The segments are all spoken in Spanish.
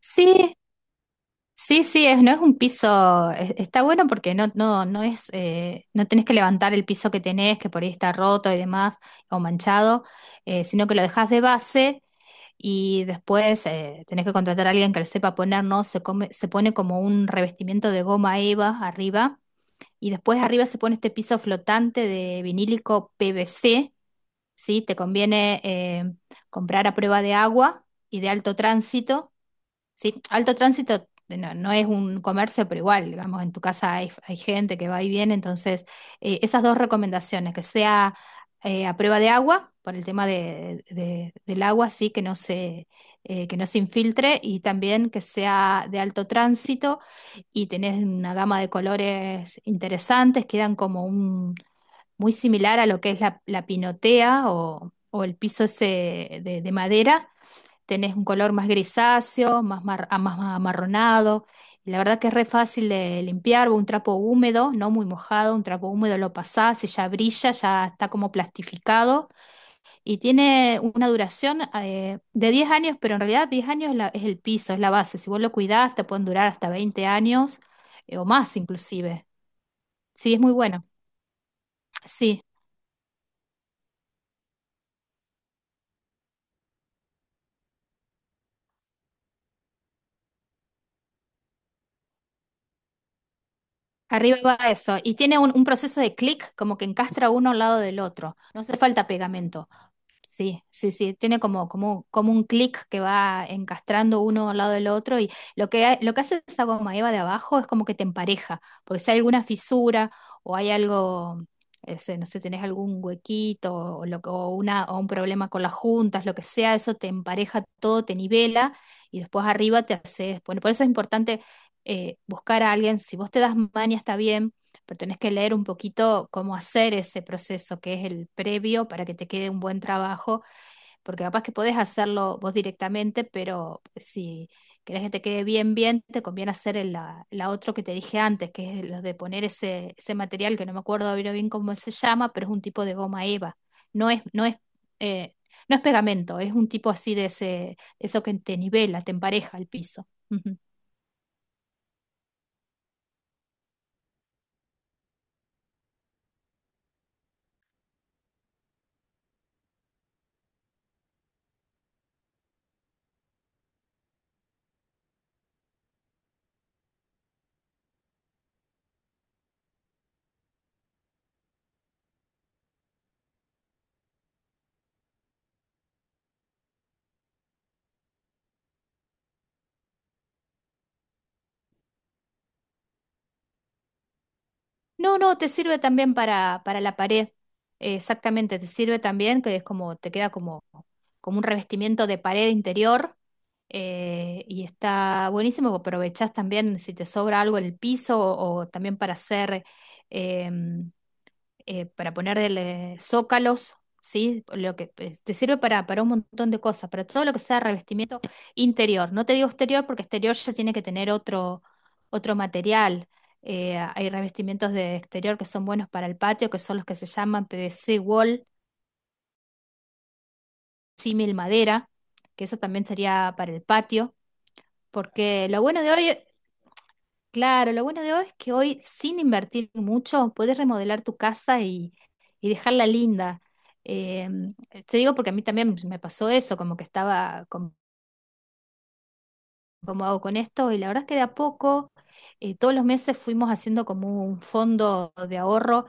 Sí, sí, sí, no es un piso, está bueno porque no es, no tenés que levantar el piso que tenés, que por ahí está roto y demás, o manchado. Sino que lo dejás de base y después tenés que contratar a alguien que lo sepa poner, ¿no? Se pone como un revestimiento de goma eva arriba, y después arriba se pone este piso flotante de vinílico PVC, ¿sí? Te conviene comprar a prueba de agua y de alto tránsito. Sí, alto tránsito, no, no es un comercio, pero igual, digamos, en tu casa hay, hay gente que va y viene, entonces esas dos recomendaciones, que sea a prueba de agua, por el tema del agua, sí, que no se infiltre, y también que sea de alto tránsito. Y tenés una gama de colores interesantes, quedan como un, muy similar a lo que es la pinotea o el piso ese de madera. Tenés un color más grisáceo, más, más amarronado. Y la verdad que es re fácil de limpiar, un trapo húmedo, no muy mojado, un trapo húmedo lo pasás y ya brilla, ya está como plastificado y tiene una duración de 10 años, pero en realidad 10 años es, es el piso, es la base. Si vos lo cuidás, te pueden durar hasta 20 años o más inclusive. Sí, es muy bueno. Sí. Arriba va eso. Y tiene un proceso de clic, como que encastra uno al lado del otro. No hace falta pegamento. Sí, sí, sí, tiene como un clic que va encastrando uno al lado del otro, y lo que, lo que hace esa goma eva de abajo es como que te empareja, porque si hay alguna fisura o hay algo, sé, no sé, tenés algún huequito o, lo, que- o una, o un problema con las juntas, lo que sea, eso te empareja todo, te nivela. Y después arriba te haces, bueno, por eso es importante buscar a alguien, si vos te das maña está bien, pero tenés que leer un poquito cómo hacer ese proceso, que es el previo para que te quede un buen trabajo, porque capaz que podés hacerlo vos directamente, pero si querés que te quede bien, bien, te conviene hacer la otro que te dije antes, que es lo de poner ese material, que no me acuerdo ahora bien cómo se llama, pero es un tipo de goma eva. No es, no es, eh, no es pegamento, es un tipo así de ese, eso que te nivela, te empareja el piso. Ujú. No, no, te sirve también para la pared. Exactamente, te sirve también, que es como, te queda como, como un revestimiento de pared interior. Y está buenísimo, aprovechás también si te sobra algo en el piso o, también para hacer, em, para ponerle zócalos, ¿sí? Lo que pues, te sirve para un montón de cosas, para todo lo que sea revestimiento interior. No te digo exterior porque exterior ya tiene que tener otro material. Hay revestimientos de exterior que son buenos para el patio, que son los que se llaman PVC wall, símil madera, que eso también sería para el patio, porque lo bueno de hoy. Claro, lo bueno de hoy es que hoy, sin invertir mucho, puedes remodelar tu casa y dejarla linda. Te digo porque a mí también me pasó eso, como que estaba, como, como hago con esto? Y la verdad es que de a poco, todos los meses fuimos haciendo como un fondo de ahorro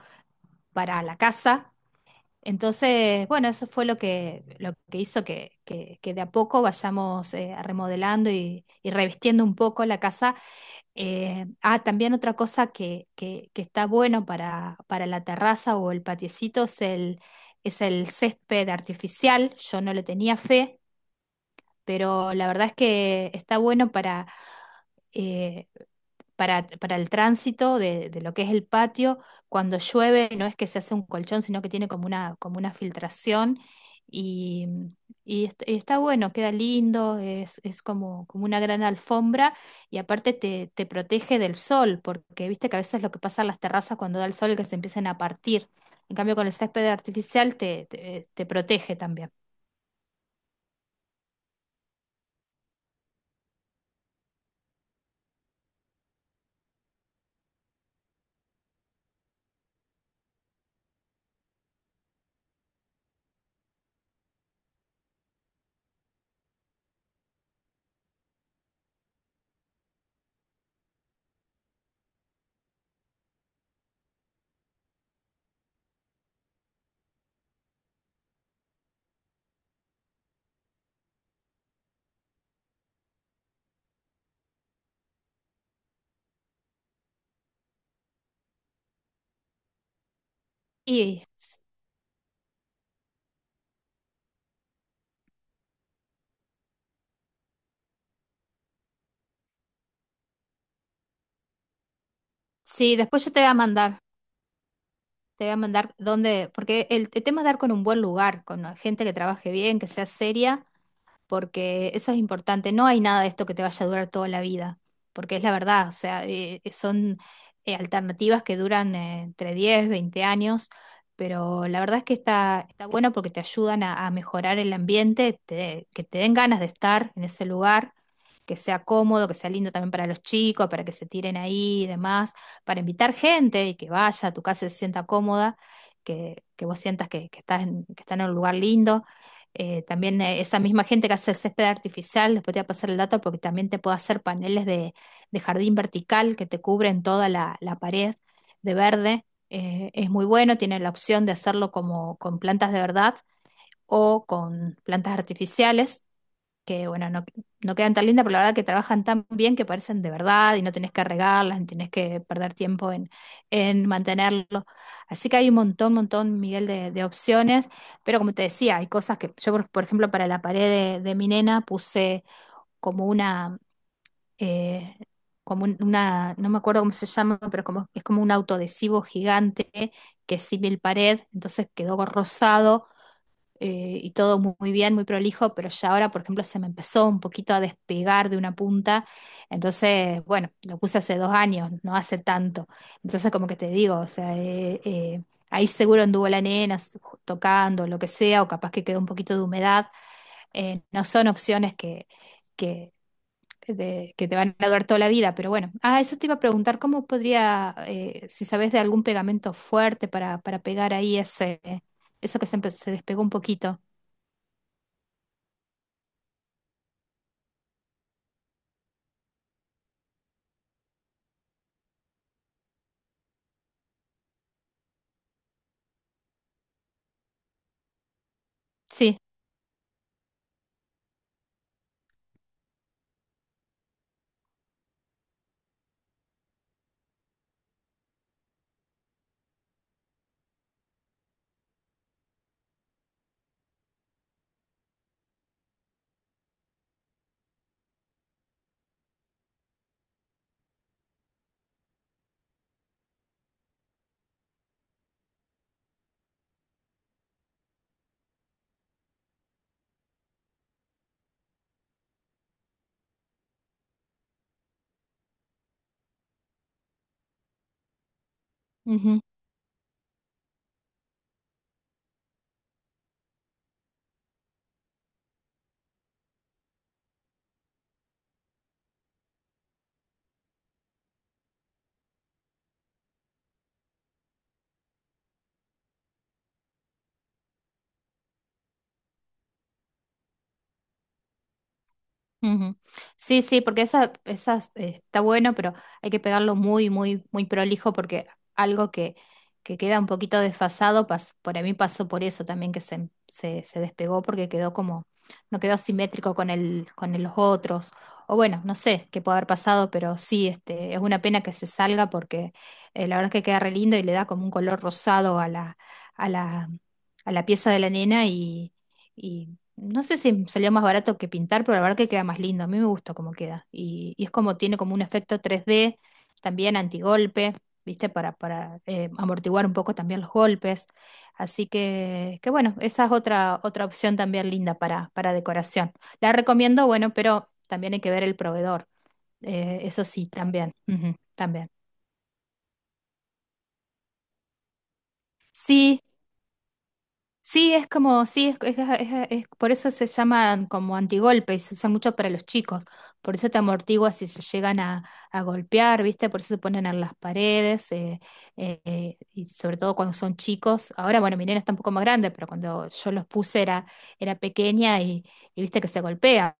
para la casa. Entonces, bueno, eso fue lo que hizo que, que de a poco vayamos remodelando y revistiendo un poco la casa. También otra cosa que está bueno para la terraza o el patiecito es el césped artificial. Yo no le tenía fe, pero la verdad es que está bueno eh, para el tránsito de lo que es el patio. Cuando llueve no es que se hace un colchón, sino que tiene como una filtración y, y está bueno, queda lindo, es como, como una gran alfombra, y aparte te, te protege del sol, porque viste que a veces lo que pasa en las terrazas cuando da el sol es que se empiezan a partir. En cambio, con el césped artificial te, te protege también. Y s- sí, después yo te voy a mandar. Te voy a mandar dónde, porque el tema es dar con un buen lugar, con gente que trabaje bien, que sea seria, porque eso es importante. No hay nada de esto que te vaya a durar toda la vida, porque es la verdad, o sea, son alternativas que duran entre 10 20 años, pero la verdad es que está, está bueno porque te ayudan a mejorar el ambiente, que te den ganas de estar en ese lugar. Que sea cómodo, que sea lindo también para los chicos, para que se tiren ahí y demás, para invitar gente y que vaya a tu casa y se sienta cómoda, que vos sientas que estás en un lugar lindo. También esa misma gente que hace césped artificial, después te voy a pasar el dato porque también te puede hacer paneles de jardín vertical que te cubren toda la pared de verde. Es muy bueno, tiene la opción de hacerlo como con plantas de verdad o con plantas artificiales, que bueno, no, no quedan tan lindas, pero la verdad que trabajan tan bien que parecen de verdad y no tenés que regarlas, ni tenés que perder tiempo en mantenerlo. Así que hay un montón, montón, Miguel, de opciones, pero como te decía, hay cosas que yo, por ejemplo, para la pared de mi nena puse como una... eh, Como una, no me acuerdo cómo se llama, pero como, es como un autoadhesivo gigante que es símil pared, entonces quedó rosado. Y todo muy bien, muy prolijo, pero ya ahora, por ejemplo, se me empezó un poquito a despegar de una punta, entonces, bueno, lo puse hace 2 años, no hace tanto, entonces como que te digo, o sea, ahí seguro anduvo la nena tocando, lo que sea, o capaz que quedó un poquito de humedad. No son opciones que, que te van a durar toda la vida, pero bueno, ah, eso te iba a preguntar, ¿cómo podría, si sabes de algún pegamento fuerte para pegar ahí ese... eso que se, se despegó un poquito? Sí, ujú, ujú. Sí, sí, porque esa, esas está bueno, pero hay que pegarlo muy, muy, muy prolijo, porque algo que queda un poquito desfasado, por mí pasó por eso también, que se, se despegó porque quedó como, no quedó simétrico con el, los otros. O bueno, no sé qué puede haber pasado, pero sí, este, es una pena que se salga porque la verdad es que queda re lindo y le da como un color rosado a la, a la, a la pieza de la nena. Y no sé si salió más barato que pintar, pero la verdad que queda más lindo. A mí me gusta cómo queda. Y es como tiene como un efecto 3D, también antigolpe, ¿viste? Para amortiguar un poco también los golpes. Así que bueno, esa es otra, otra opción también linda para decoración. La recomiendo, bueno, pero también hay que ver el proveedor. Eso sí, también. Ujú, también. Sí, sí, es como, sí, es, por eso se llaman como antigolpes, se usan mucho para los chicos, por eso te amortigua si se llegan a golpear, ¿viste? Por eso se ponen en las paredes, y sobre todo cuando son chicos. Ahora, bueno, mi nena está un poco más grande, pero cuando yo los puse era, era pequeña y viste que se golpea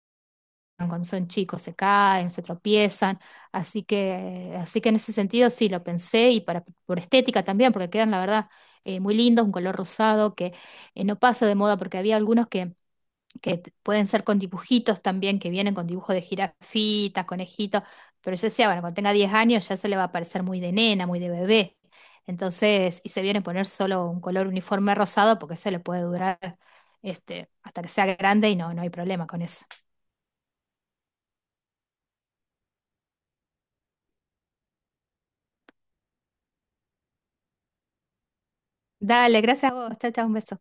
cuando son chicos, se caen, se tropiezan, así que en ese sentido sí lo pensé y para, por estética también, porque quedan la verdad muy lindos, un color rosado que no pasa de moda, porque había algunos que, pueden ser con dibujitos también, que vienen con dibujos de jirafitas, conejitos, pero yo decía, bueno, cuando tenga 10 años ya se le va a parecer muy de nena, muy de bebé, entonces, y se viene a poner solo un color uniforme rosado porque se le puede durar este, hasta que sea grande y no, no hay problema con eso. Dale, gracias a vos. Chao, chao, un beso.